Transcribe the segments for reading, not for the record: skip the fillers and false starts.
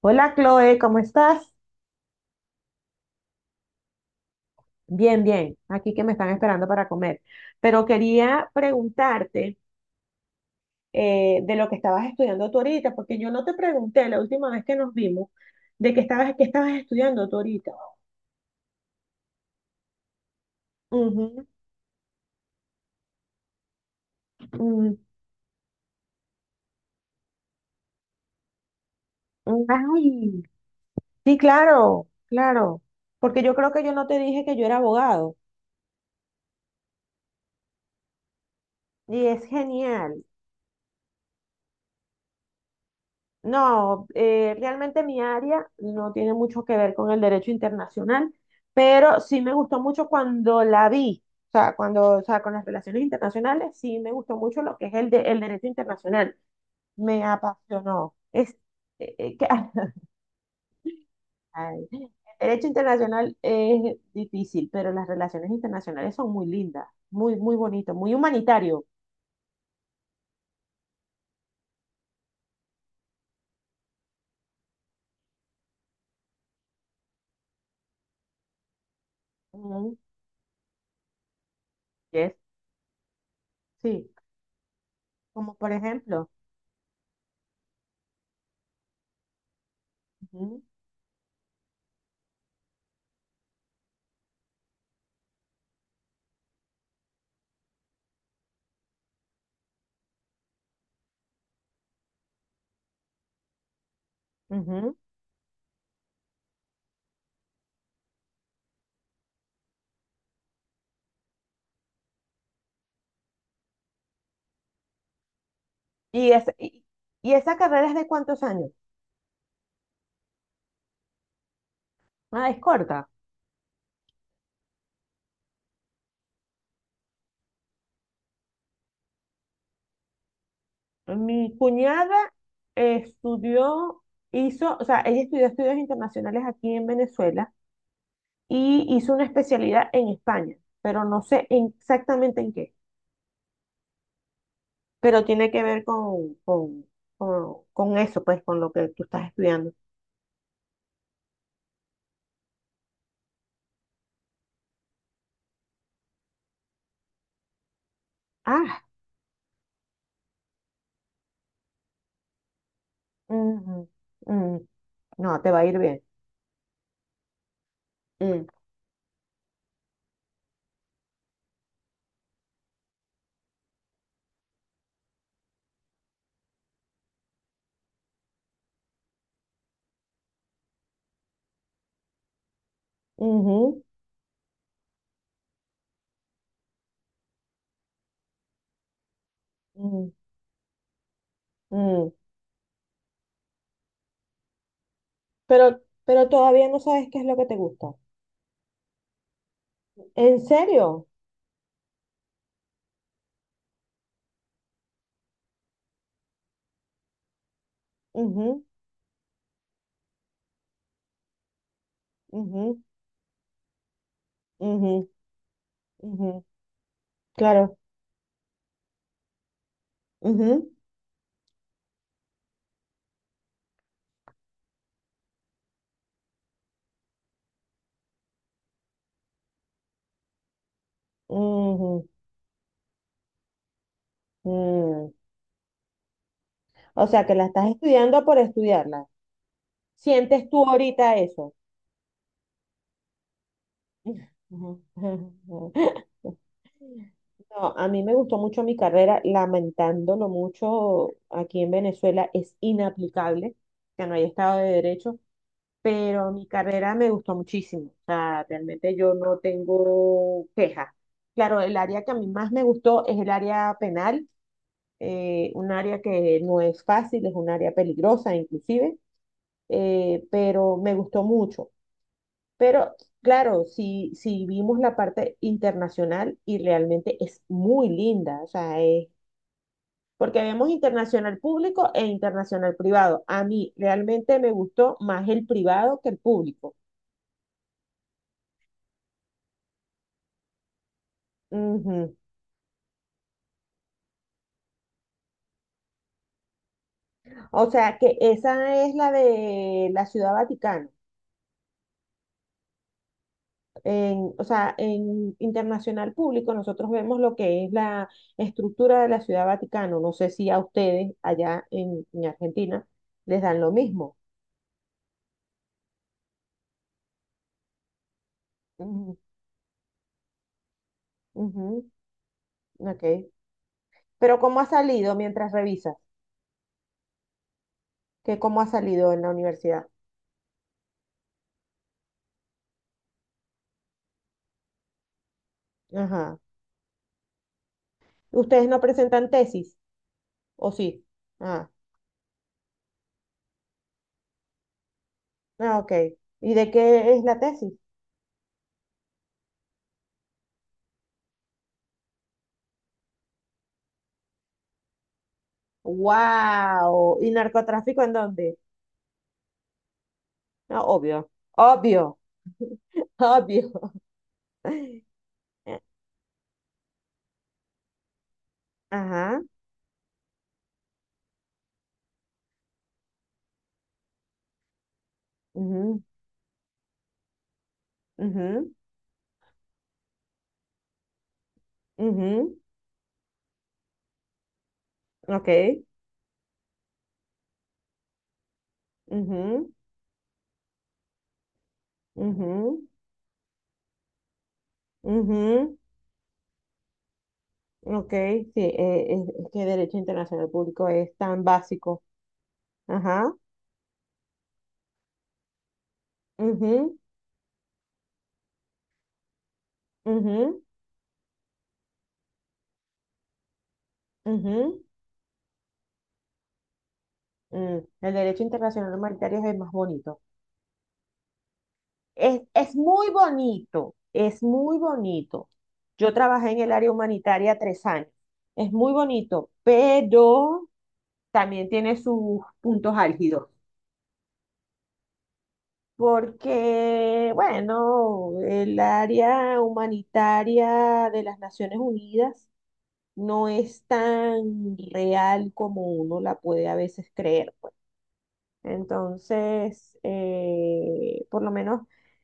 Hola Chloe, ¿cómo estás? Bien, bien. Aquí que me están esperando para comer. Pero quería preguntarte de lo que estabas estudiando tú ahorita, porque yo no te pregunté la última vez que nos vimos qué estabas estudiando tú ahorita. Ujú. Mm, mm, Ay, sí, claro, claro. Porque yo creo que yo no te dije que yo era abogado. Y es genial. No, realmente mi área no tiene mucho que ver con el derecho internacional, pero sí me gustó mucho cuando la vi, o sea, o sea, con las relaciones internacionales, sí me gustó mucho lo que es el derecho internacional. Me apasionó. Eh, eh, que- Ay, el derecho internacional es difícil, pero las relaciones internacionales son muy lindas, muy, muy bonito, muy humanitario. Ujú, yes, sí, como por ejemplo. Ujú, ujú. Y, es, y, y esa carrera es de cuántos años? Ah, es corta. Mi cuñada eh, estudió, o sea, ella estudió estudios internacionales aquí en Venezuela y hizo una especialidad en España, pero no sé exactamente en qué, pero tiene que ver con eso, pues, con lo que tú estás estudiando. Ah, ujú, mm, no, te va a ir bien. Mm, ujú, mm, mm. Pero, pero todavía no sabes qué es lo que te gusta. ¿En serio? Ujú, ujú, ujú, ujú, claro. Ujú, ujú, mm. O sea, que la estás estudiando por estudiarla. ¿Sientes tú ahorita eso? Ujú. No, a mí me gustó mucho mi carrera, lamentándolo mucho, aquí en Venezuela es inaplicable, que no hay Estado de Derecho, pero mi carrera me gustó muchísimo, o sea, realmente yo no tengo quejas. Claro, el área que a mí más me gustó es el área penal, un área que no es fácil, es un área peligrosa inclusive, pero me gustó mucho. Pero claro, si vimos la parte internacional y realmente es muy linda, o sea, porque vemos internacional público e internacional privado. A mí realmente me gustó más el privado que el público. Ujú. O sea que esa es la de la Ciudad Vaticana. O sea, en internacional público nosotros vemos lo que es la estructura de la Ciudad Vaticano. No sé si a ustedes allá en Argentina les dan lo mismo. Ujú, ujú, ok. Pero ¿cómo ha salido mientras revisas? ¿Que cómo ha salido en la universidad? Ajá. ¿Ustedes no presentan tesis? ¿O sí? Ah, ah, ok. ¿Y de qué es la tesis? ¡Wow! ¿Y narcotráfico en dónde? Ah, obvio, obvio, obvio. Ajá. Ujú, ujú, ujú, okay, ujú, ujú, ujú, okay, sí, es que derecho internacional público es tan básico. Ajá, ujú, ujú, ujú, mm. El derecho internacional humanitario es el más bonito. Es muy bonito, es muy bonito. Yo trabajé en el área humanitaria 3 años. Es muy bonito, pero también tiene sus puntos álgidos. Porque, bueno, el área humanitaria de las Naciones Unidas no es tan real como uno la puede a veces creer. Entonces, por lo menos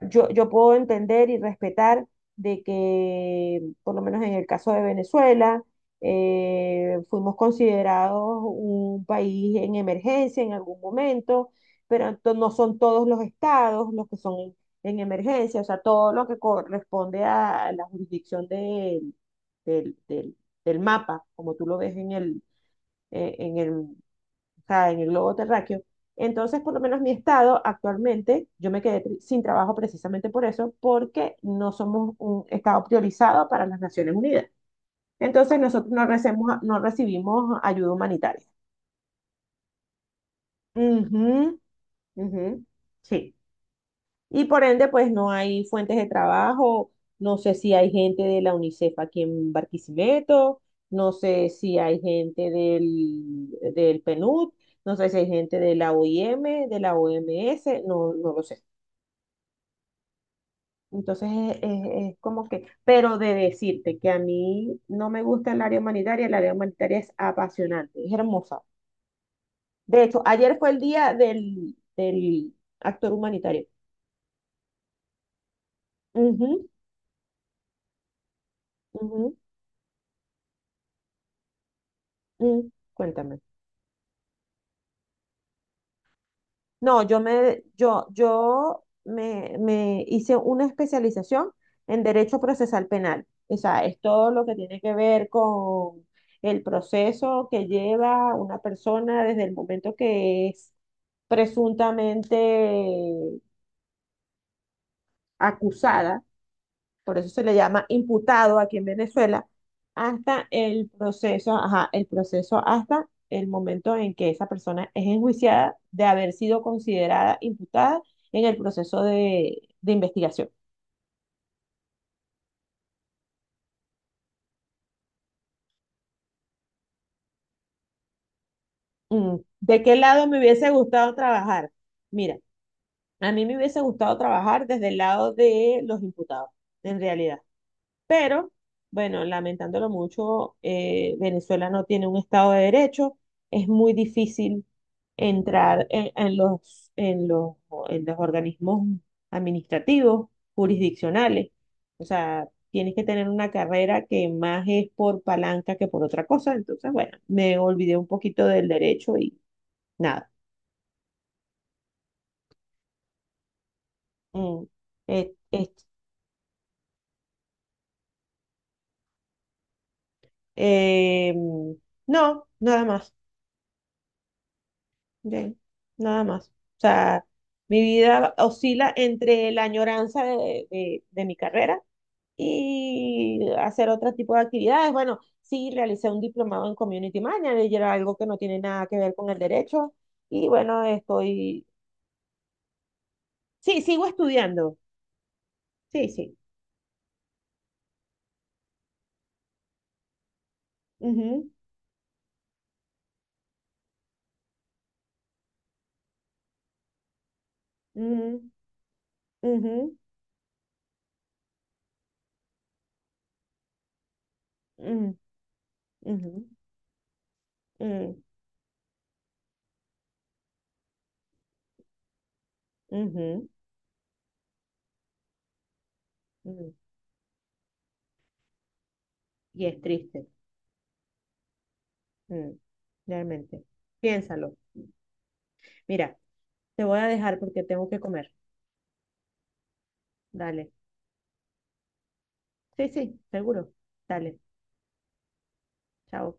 yo puedo entender y respetar de que, por lo menos en el caso de Venezuela, fuimos considerados un país en emergencia en algún momento, pero no son todos los estados los que son en emergencia, o sea, todo lo que corresponde a la jurisdicción del, del- del mapa, como tú lo ves en el o sea, en el globo terráqueo. Entonces, por lo menos mi estado actualmente, yo me quedé sin trabajo precisamente por eso, porque no somos un estado priorizado para las Naciones Unidas. Entonces, nosotros no recibimos ayuda humanitaria. Ujú, ujú, sí. Y por ende, pues no hay fuentes de trabajo, no sé si hay gente de la UNICEF aquí en Barquisimeto, no sé si hay gente del PNUD, no sé si hay gente de la OIM, de la OMS, no lo sé. Entonces es como que, pero de decirte que a mí no me gusta el área humanitaria es apasionante, es hermosa. De hecho, ayer fue el día del actor humanitario. Ujú, ujú, mm, cuéntame. No, yo me hice una especialización en Derecho Procesal Penal. O sea, es todo lo que tiene que ver con el proceso que lleva una persona desde el momento que es presuntamente acusada, por eso se le llama imputado aquí en Venezuela, hasta el proceso, ajá, el proceso hasta el momento en que esa persona es enjuiciada de haber sido considerada imputada en el proceso de investigación. Mm, ¿de qué lado me hubiese gustado trabajar? Mira, a mí me hubiese gustado trabajar desde el lado de los imputados, en realidad. Pero, bueno, lamentándolo mucho, Venezuela no tiene un Estado de Derecho. Es muy difícil entrar en los organismos administrativos, jurisdiccionales. O sea, tienes que tener una carrera que más es por palanca que por otra cosa. Entonces, bueno, me olvidé un poquito del derecho y nada. Mm, eh, est- eh, mm, no, nada más. Bien, nada más. O sea, mi vida oscila entre la añoranza de mi carrera y hacer otro tipo de actividades. Bueno, sí, realicé un diplomado en Community Manager, algo que no tiene nada que ver con el derecho. Y bueno, sí, sigo estudiando. Sí, sí. Ujú, ujú, ujú, ujú, ujú, ujú, ujú, ujú. Y es triste, mm, realmente. Piénsalo. Mira, te voy a dejar porque tengo que comer. Dale. Sí, sí, seguro. Dale. Chao.